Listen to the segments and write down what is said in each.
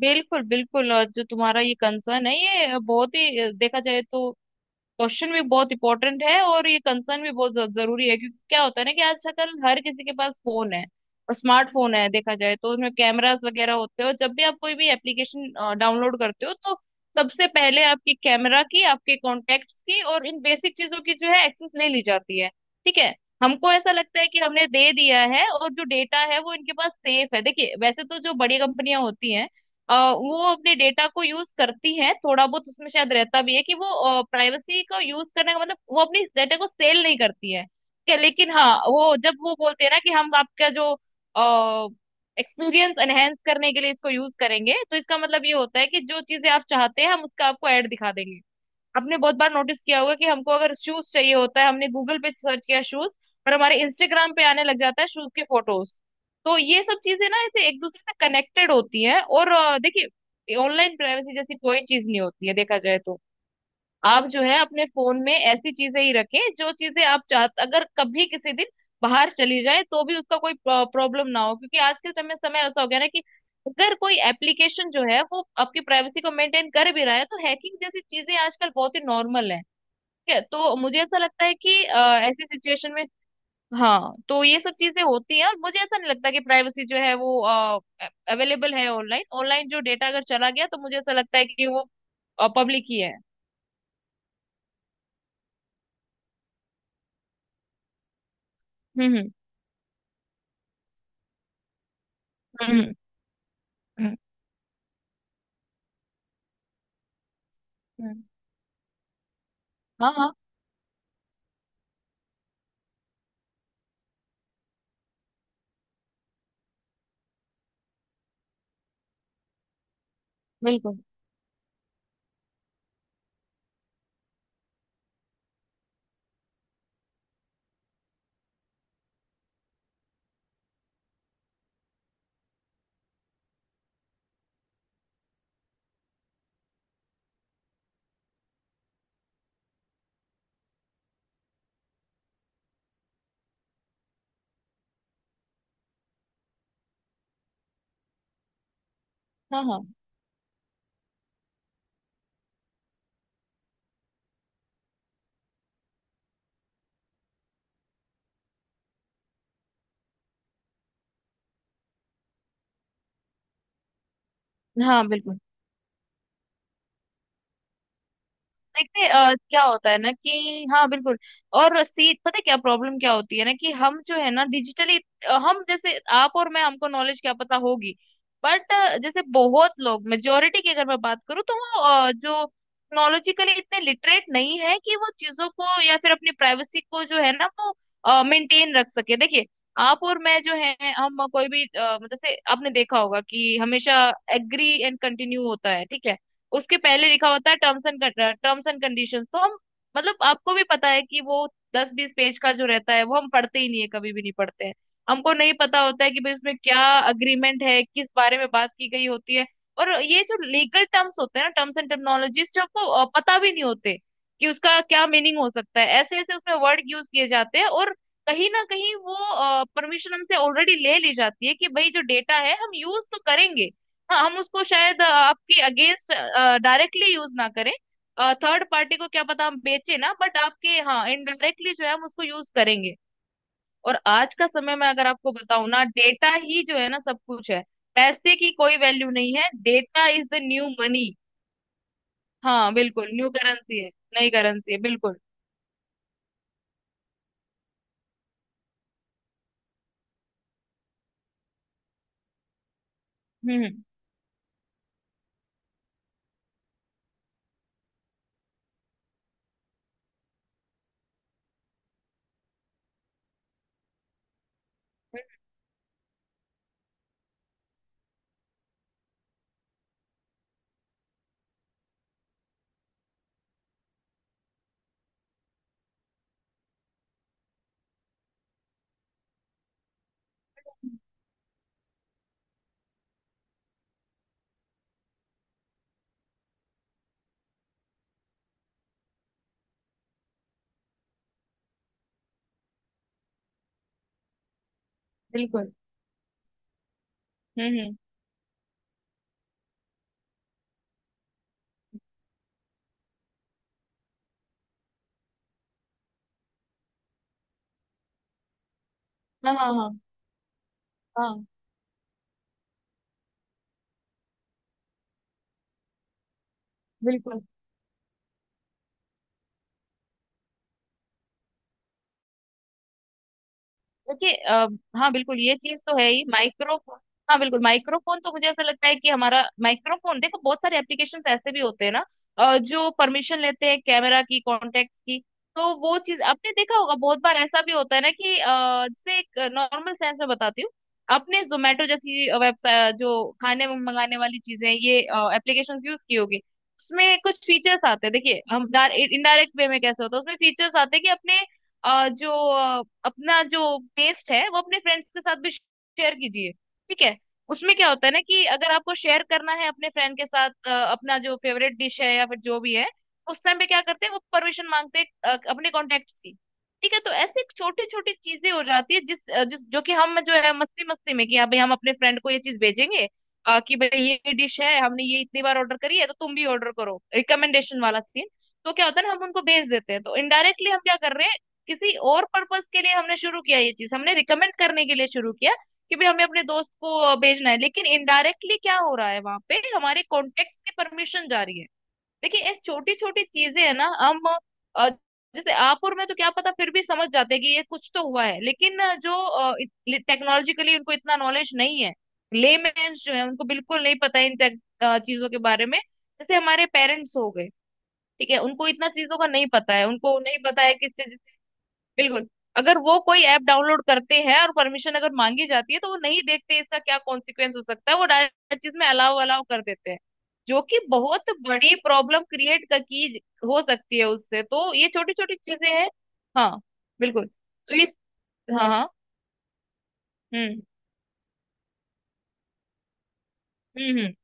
बिल्कुल बिल्कुल। और जो तुम्हारा ये कंसर्न है ये बहुत ही देखा जाए तो क्वेश्चन भी बहुत इंपॉर्टेंट है और ये कंसर्न भी बहुत जरूरी है। क्योंकि क्या होता है ना कि आजकल हर किसी के पास फोन है और स्मार्टफोन है देखा जाए तो उसमें कैमरास वगैरह होते हैं। और जब भी आप कोई भी एप्लीकेशन डाउनलोड करते हो तो सबसे पहले आपकी कैमरा की आपके कॉन्टेक्ट्स की और इन बेसिक चीजों की जो है एक्सेस ले ली जाती है। ठीक है। हमको ऐसा लगता है कि हमने दे दिया है और जो डेटा है वो इनके पास सेफ है। देखिए वैसे तो जो बड़ी कंपनियां होती हैं वो अपने डेटा को यूज करती है। थोड़ा बहुत उसमें शायद रहता भी है कि वो प्राइवेसी का यूज करने का मतलब वो अपनी डेटा को सेल नहीं करती है क्या। लेकिन हाँ वो जब वो बोलते हैं ना कि हम आपका जो एक्सपीरियंस एनहेंस करने के लिए इसको यूज करेंगे तो इसका मतलब ये होता है कि जो चीजें आप चाहते हैं हम उसका आपको ऐड दिखा देंगे। आपने बहुत बार नोटिस किया होगा कि हमको अगर शूज चाहिए होता है हमने गूगल पे सर्च किया शूज पर हमारे इंस्टाग्राम पे आने लग जाता है शूज के फोटोज। तो ये सब चीजें ना ऐसे एक दूसरे से कनेक्टेड होती हैं और देखिए ऑनलाइन प्राइवेसी जैसी कोई चीज नहीं होती है देखा जाए तो। आप जो है अपने फोन में ऐसी चीजें ही रखें जो चीजें आप चाहते अगर कभी किसी दिन बाहर चली जाए तो भी उसका कोई प्रॉब्लम ना हो, क्योंकि आज के समय समय ऐसा हो गया ना कि अगर कोई एप्लीकेशन जो है वो आपकी प्राइवेसी को मेंटेन कर भी रहा है तो हैकिंग जैसी चीजें आजकल बहुत ही नॉर्मल है। ठीक है। तो मुझे ऐसा लगता है कि ऐसी सिचुएशन में हाँ तो ये सब चीजें होती हैं, और मुझे ऐसा नहीं लगता कि प्राइवेसी जो है वो अवेलेबल है ऑनलाइन। ऑनलाइन जो डेटा अगर चला गया तो मुझे ऐसा लगता है कि वो पब्लिक ही है। हम्म हम्म हम्म हम्म। हम्म। हाँ हाँ बिल्कुल। हाँ हाँ हाँ बिल्कुल। देखिए क्या होता है ना कि हाँ बिल्कुल। और सी पता है क्या प्रॉब्लम क्या होती है ना कि हम जो है ना डिजिटली, हम जैसे आप और मैं हमको नॉलेज क्या पता होगी। बट जैसे बहुत लोग मेजोरिटी की अगर मैं बात करूँ तो वो जो टेक्नोलॉजिकली इतने लिटरेट नहीं है कि वो चीजों को या फिर अपनी प्राइवेसी को जो है ना वो मेंटेन रख सके। देखिए आप और मैं जो है हम कोई भी जैसे आपने देखा होगा कि हमेशा एग्री एंड कंटिन्यू होता है। ठीक है। उसके पहले लिखा होता है टर्म्स एंड कंडीशंस, तो हम मतलब आपको भी पता है कि वो दस बीस पेज का जो रहता है वो हम पढ़ते ही नहीं है कभी भी नहीं पढ़ते हैं। हमको नहीं पता होता है कि भाई उसमें क्या अग्रीमेंट है किस बारे में बात की गई होती है। और ये जो लीगल टर्म्स होते हैं ना टर्म्स एंड टर्मिनोलॉजीज जो आपको पता भी नहीं होते कि उसका क्या मीनिंग हो सकता है, ऐसे ऐसे उसमें वर्ड यूज किए जाते हैं। और कहीं ना कहीं वो परमिशन हमसे ऑलरेडी ले ली जाती है कि भाई जो डेटा है हम यूज तो करेंगे। हाँ हम उसको शायद आपके अगेंस्ट डायरेक्टली यूज ना करें, थर्ड पार्टी को क्या पता हम बेचे ना, बट आपके हाँ इनडायरेक्टली जो है हम उसको यूज करेंगे। और आज का समय में अगर आपको बताऊं ना डेटा ही जो है ना सब कुछ है, पैसे की कोई वैल्यू नहीं है, data is the new money. हाँ बिल्कुल न्यू करेंसी है। नई करेंसी है बिल्कुल। हम्म हम्म, बिल्कुल। हम्म। हाँ हाँ हाँ हाँ बिल्कुल। देखिए हाँ बिल्कुल ये चीज तो है ही माइक्रोफोन। हाँ बिल्कुल माइक्रोफोन, तो मुझे ऐसा लगता है कि हमारा माइक्रोफोन, देखो बहुत सारे एप्लीकेशंस ऐसे भी होते हैं ना जो परमिशन लेते हैं कैमरा की कॉन्टेक्ट की। तो वो चीज आपने देखा होगा बहुत बार ऐसा भी होता है ना कि जैसे एक नॉर्मल सेंस में बताती हूँ। आपने जोमेटो जैसी वेबसाइट, जो खाने मंगाने वाली चीजें ये एप्लीकेशन, यूज की होगी। उसमें कुछ फीचर्स आते हैं, देखिए हम इनडायरेक्ट वे में कैसे होता है, उसमें फीचर्स आते हैं कि अपने जो अपना जो टेस्ट है वो अपने फ्रेंड्स के साथ भी शेयर कीजिए। ठीक है। उसमें क्या होता है ना कि अगर आपको शेयर करना है अपने फ्रेंड के साथ अपना जो फेवरेट डिश है या फिर जो भी है, उस टाइम पे क्या करते हैं वो परमिशन मांगते हैं अपने कॉन्टेक्ट्स की। ठीक है। तो ऐसे छोटी छोटी चीजें हो जाती है जिस अ, जिस जो कि हम जो है मस्ती मस्ती में कि हाँ भाई हम अपने फ्रेंड को ये चीज भेजेंगे, कि भाई ये डिश है हमने ये इतनी बार ऑर्डर करी है तो तुम भी ऑर्डर करो, रिकमेंडेशन वाला सीन। तो क्या होता है ना हम उनको भेज देते हैं, तो इनडायरेक्टली हम क्या कर रहे हैं, किसी और पर्पस के लिए हमने शुरू किया ये चीज, हमने रिकमेंड करने के लिए शुरू किया कि भाई हमें अपने दोस्त को भेजना है, लेकिन इनडायरेक्टली क्या हो रहा है वहां पे हमारे कॉन्टेक्ट की परमिशन जा रही है। देखिए ये छोटी छोटी चीजें है ना हम अ, जैसे आप और मैं तो क्या पता फिर भी समझ जाते हैं कि ये कुछ तो हुआ है, लेकिन जो टेक्नोलॉजिकली उनको इतना नॉलेज नहीं है, लेमेन्स जो है उनको बिल्कुल नहीं पता है इन चीजों के बारे में, जैसे हमारे पेरेंट्स हो गए। ठीक है। उनको इतना चीजों का नहीं पता है, उनको नहीं पता है कि। बिल्कुल। अगर वो कोई ऐप डाउनलोड करते हैं और परमिशन अगर मांगी जाती है तो वो नहीं देखते इसका क्या कॉन्सिक्वेंस हो सकता है, वो डायरेक्ट हर चीज में अलाउ अलाउ कर देते हैं, जो कि बहुत बड़ी प्रॉब्लम क्रिएट की हो सकती है उससे, तो ये छोटी छोटी चीजें हैं। हाँ बिल्कुल। तो ये। हाँ हाँ। हम्म हम्म।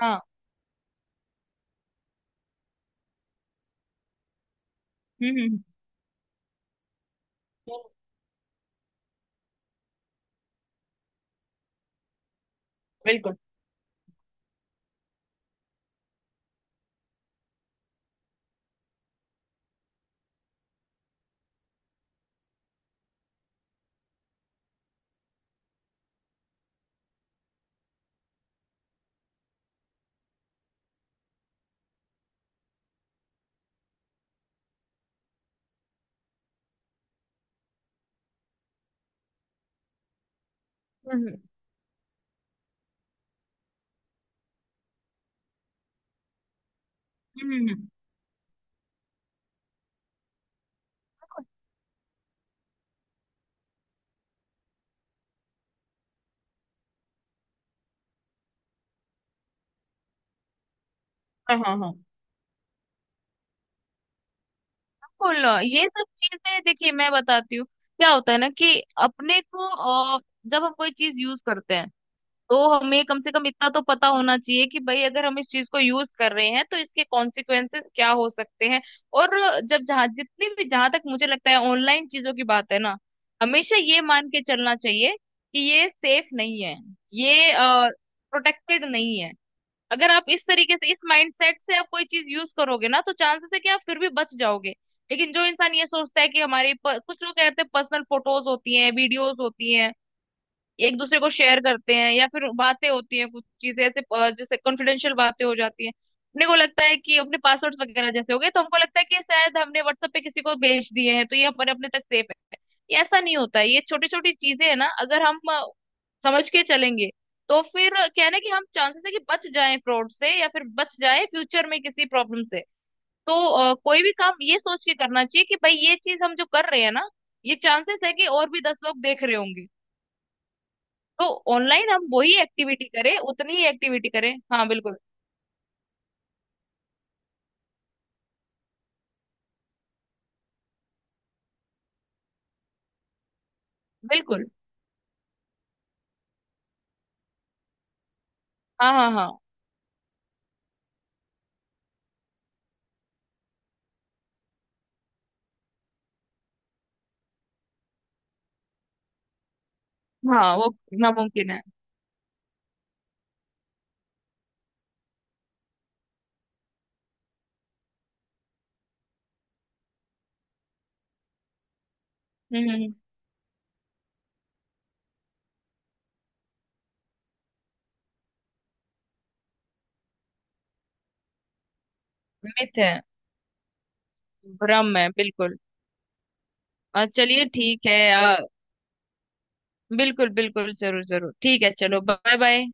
हाँ। हम्म हम्म हम्म, बिल्कुल। हम्म हम्म हम्म, हम्म, हाँ हाँ हाँ बिल्कुल। ये सब चीजें देखिए मैं बताती हूँ क्या होता है ना कि अपने को अ, जब हम कोई चीज यूज करते हैं तो हमें कम से कम इतना तो पता होना चाहिए कि भाई अगर हम इस चीज को यूज कर रहे हैं तो इसके कॉन्सिक्वेंसेस क्या हो सकते हैं। और जब जहां जितनी भी, जहां तक मुझे लगता है ऑनलाइन चीजों की बात है ना, हमेशा ये मान के चलना चाहिए कि ये सेफ नहीं है, ये प्रोटेक्टेड नहीं है। अगर आप इस तरीके से इस माइंडसेट से आप कोई चीज यूज करोगे ना तो चांसेस है कि आप फिर भी बच जाओगे। लेकिन जो इंसान ये सोचता है कि हमारे कुछ लोग कहते हैं पर्सनल फोटोज होती हैं वीडियोज होती हैं एक दूसरे को शेयर करते हैं या फिर बातें होती हैं कुछ चीजें ऐसे जैसे कॉन्फिडेंशियल बातें हो जाती हैं, अपने को लगता है कि अपने पासवर्ड वगैरह जैसे हो गए तो हमको लगता है कि शायद हमने व्हाट्सएप पे किसी को भेज दिए हैं तो ये हमारे अपने तक सेफ है। ये ऐसा नहीं होता है। ये छोटी छोटी चीजें है ना अगर हम समझ के चलेंगे तो फिर क्या है ना कि हम चांसेस है कि बच जाएं फ्रॉड से या फिर बच जाएं फ्यूचर में किसी प्रॉब्लम से। तो कोई भी काम ये सोच के करना चाहिए कि भाई ये चीज हम जो कर रहे हैं ना ये चांसेस है कि और भी दस लोग देख रहे होंगे, तो ऑनलाइन हम वही एक्टिविटी करें उतनी ही एक्टिविटी करें। हाँ बिल्कुल। बिल्कुल। हाँ हाँ हाँ हाँ वो नामुमकिन है। हम्म हम्म, हम्म। मिथ है, भ्रम है, बिल्कुल। चलिए ठीक है। अ, बिल्कुल बिल्कुल जरूर जरूर, ठीक है, चलो बाय बाय।